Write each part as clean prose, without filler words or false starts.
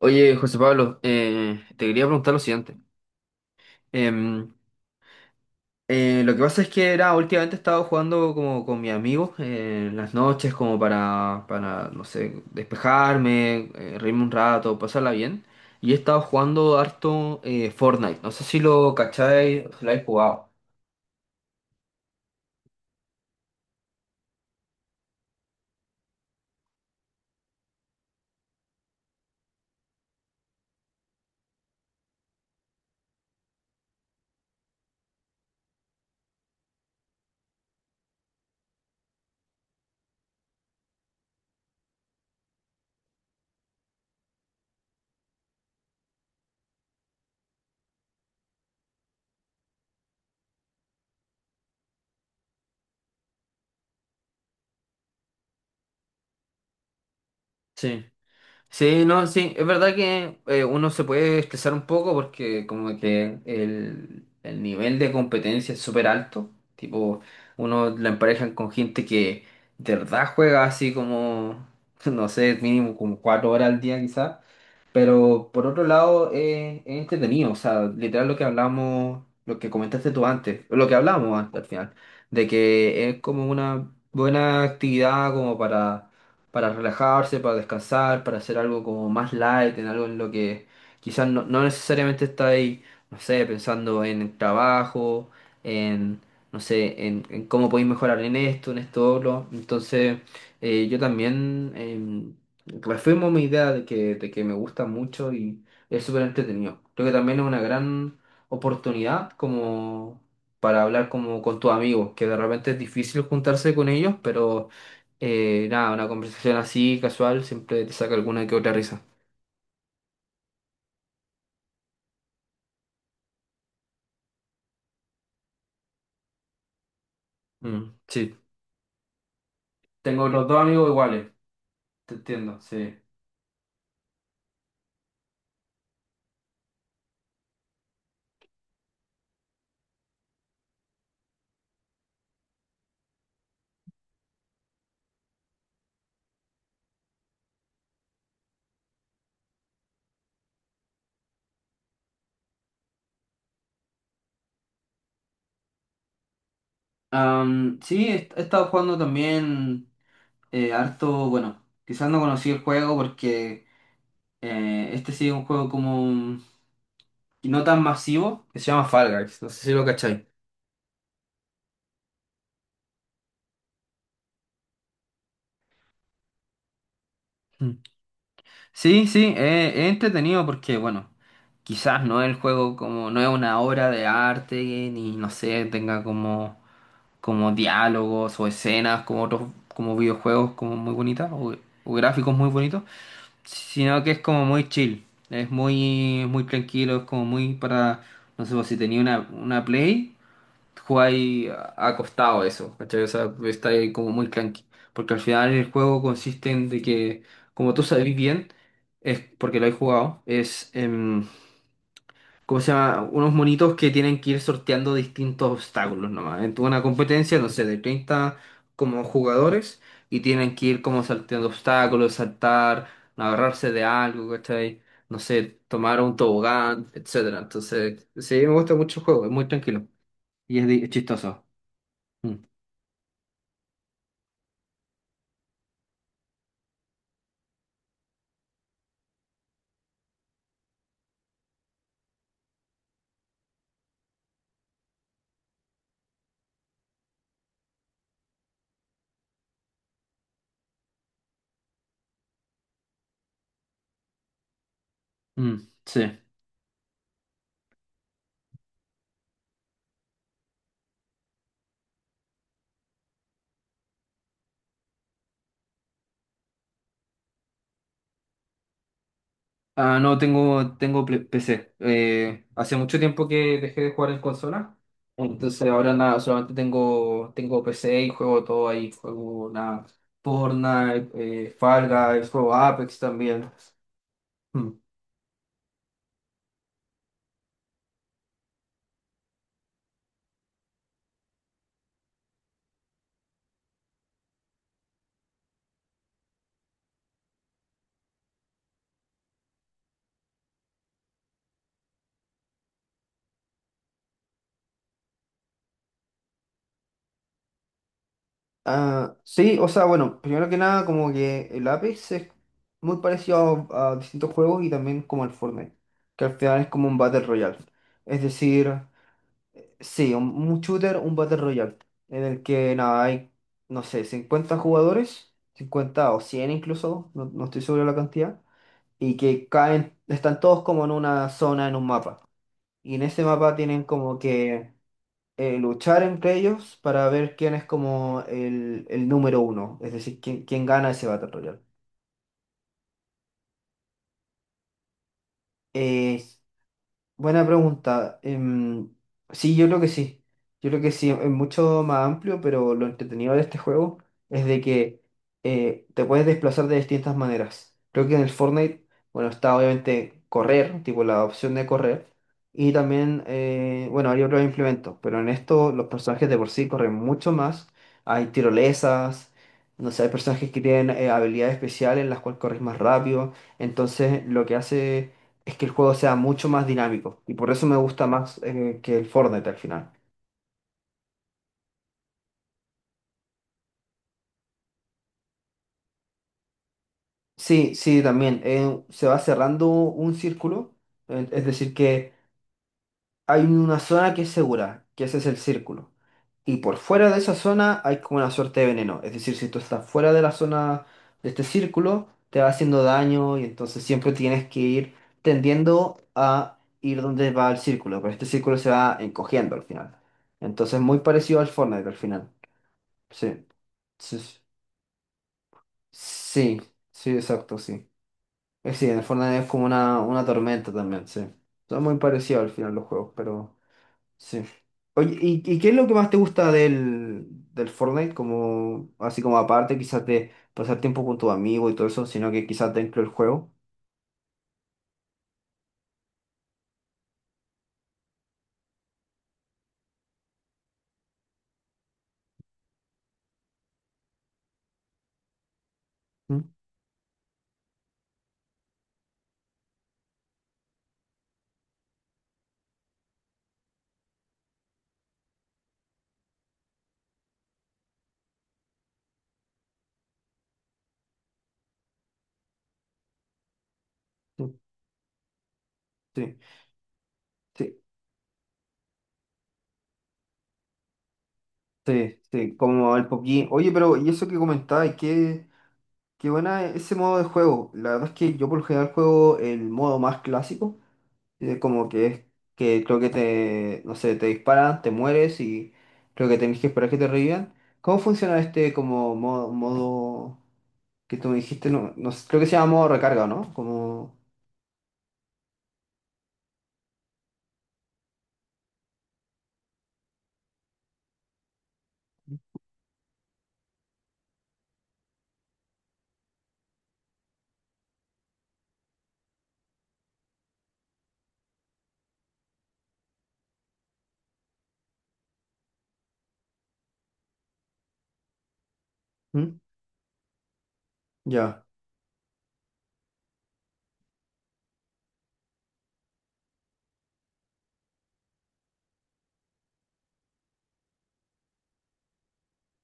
Oye, José Pablo, te quería preguntar lo siguiente. Em, lo que pasa es que era, últimamente he estado jugando como con mis amigos en las noches como para, no sé, despejarme, reírme un rato, pasarla bien. Y he estado jugando harto Fortnite. No sé si lo cacháis, si lo habéis jugado. Sí. Sí, no, sí, es verdad que uno se puede estresar un poco porque como que el nivel de competencia es súper alto, tipo, uno la emparejan con gente que de verdad juega así como, no sé, mínimo como cuatro horas al día quizás. Pero por otro lado, es entretenido, o sea, literal lo que hablamos, lo que comentaste tú antes, lo que hablamos antes al final, de que es como una buena actividad como para relajarse, para descansar, para hacer algo como más light, en algo en lo que quizás no, no necesariamente está ahí, no sé, pensando en el trabajo, en, no sé, en cómo podéis mejorar en esto, otro. Entonces, yo también. Reafirmo mi idea de que me gusta mucho y es súper entretenido. Creo que también es una gran oportunidad como para hablar como con tus amigos, que de repente es difícil juntarse con ellos, pero nada, una conversación así, casual, siempre te saca alguna que otra risa. Mm, sí, tengo los dos amigos iguales, te entiendo, sí. Sí, he estado jugando también harto, bueno, quizás no conocí el juego porque este sí es un juego como... y no tan masivo que se llama Fall Guys. No sé si lo cacháis. Mm. Sí, sí, es entretenido porque, bueno, quizás no es el juego como, no es una obra de arte, ni no sé, tenga como, como diálogos o escenas como otros, como videojuegos como muy bonitas o gráficos muy bonitos, sino que es como muy chill, es muy, muy tranquilo, es como muy para, no sé, pues, si tenía una Play. Jugáis acostado a eso, ¿cachai? O sea, estáis como muy clanky. Porque al final el juego consiste en de que, como tú sabes bien, es porque lo he jugado, es, ¿cómo se llama? Unos monitos que tienen que ir sorteando distintos obstáculos nomás. En una competencia, no sé, de 30 como jugadores y tienen que ir como salteando obstáculos, saltar, no agarrarse de algo, ¿cachai? No sé, tomar un tobogán, etcétera. Entonces, sí, me gusta mucho el juego, es muy tranquilo y es chistoso. Mm. Mm, sí. Ah, no, tengo, PC. Hace mucho tiempo que dejé de jugar en consola. Entonces ahora nada, solamente tengo, tengo PC y juego todo ahí. Juego nada, Fortnite, Fall Guys, juego Apex también. Mm. Ah, sí, o sea, bueno, primero que nada, como que el Apex es muy parecido a distintos juegos y también como el Fortnite, que al final es como un Battle Royale. Es decir. Sí, un shooter, un Battle Royale, en el que nada, hay, no sé, 50 jugadores, 50 o 100 incluso, no, no estoy seguro de la cantidad, y que caen, están todos como en una zona, en un mapa. Y en ese mapa tienen como que luchar entre ellos para ver quién es como el número uno, es decir, quién, quién gana ese Battle Royale. Eh, Buena pregunta. Sí, yo creo que sí. Yo creo que sí, es mucho más amplio, pero lo entretenido de este juego es de que te puedes desplazar de distintas maneras. Creo que en el Fortnite, bueno, está obviamente correr, tipo la opción de correr, y también, bueno, hay otros implementos, pero en esto los personajes de por sí corren mucho más. Hay tirolesas, no sé, hay personajes que tienen habilidades especiales en las cuales corres más rápido. Entonces, lo que hace es que el juego sea mucho más dinámico y por eso me gusta más que el Fortnite al final. Sí, sí, también se va cerrando un círculo, es decir, que hay una zona que es segura, que ese es el círculo. Y por fuera de esa zona hay como una suerte de veneno, es decir, si tú estás fuera de la zona de este círculo, te va haciendo daño y entonces siempre tienes que ir tendiendo a ir donde va el círculo, pero este círculo se va encogiendo al final. Entonces, muy parecido al Fortnite al final. Sí. Sí, sí. Sí, sí, exacto, sí. Sí, en el Fortnite es como una tormenta también, sí. Son muy parecidos al final los juegos, pero sí. Oye, y qué es lo que más te gusta del, del Fortnite? Como, así como aparte quizás de pasar tiempo con tu amigo y todo eso, sino que quizás dentro del juego. ¿Mm? Sí, sí, sí, sí, sí, como el PUBG. Oye, pero y eso que comentabas, qué, qué buena ese modo de juego. La verdad es que yo por lo general juego el modo más clásico. Como que es que creo que te, no sé, te disparan, te mueres y creo que tenés que esperar que te revivan. ¿Cómo funciona este como modo, modo que tú me dijiste? No, no sé, creo que se llama modo recarga, ¿no? Como... ¿Mm? Ya,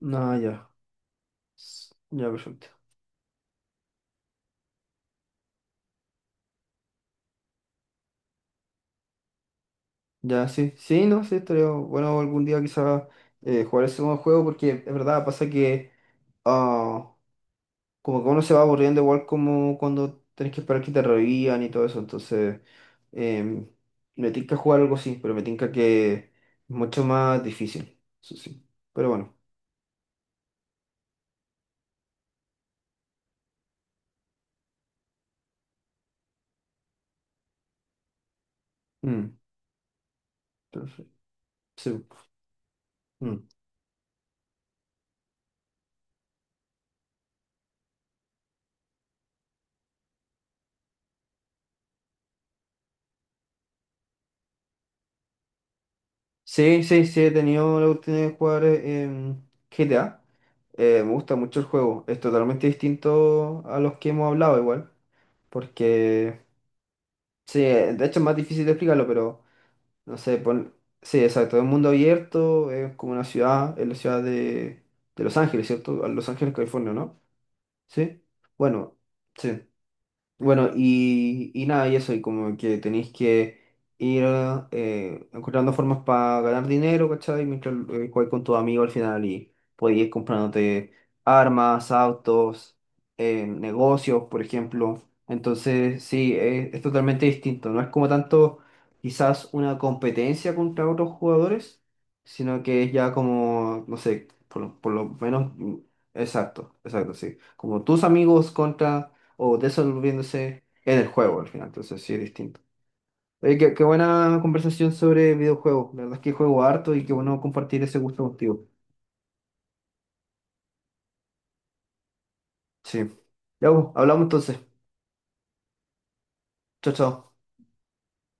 no, ya. S- Ya, perfecto. Ya, sí, sí, no, sí, estaría bueno algún día quizás jugar ese modo de juego porque es verdad, pasa que... ah, como que uno se va aburriendo igual como cuando tenés que esperar que te revivan y todo eso. Entonces, em, me tinca jugar algo así, pero me tinca que es mucho más difícil. Eso sí. Pero bueno. Mm, perfecto. Sí, mm. Sí, sí, sí, he tenido la oportunidad de jugar GTA. Me gusta mucho el juego. Es totalmente distinto a los que hemos hablado igual. Porque, sí, de hecho es más difícil de explicarlo, pero... No sé, pon... Sí, exacto, es un mundo abierto, es como una ciudad, es la ciudad de Los Ángeles, ¿cierto? Los Ángeles, California, ¿no? Sí. Bueno, sí. Bueno, y nada, y eso, y como que tenéis que ir encontrando formas para ganar dinero, ¿cachai? Mientras jugáis con tus amigos al final y podéis ir comprándote armas, autos, negocios, por ejemplo. Entonces, sí, es totalmente distinto. No es como tanto quizás una competencia contra otros jugadores, sino que es ya como, no sé, por lo menos, mm, exacto, exacto, sí. Como tus amigos contra o desolviéndose en el juego al final, entonces sí es distinto. Oye, qué, qué buena conversación sobre videojuegos, la verdad es que juego harto y qué bueno compartir ese gusto contigo. Sí. Ya, pues, hablamos entonces. Chao, chao.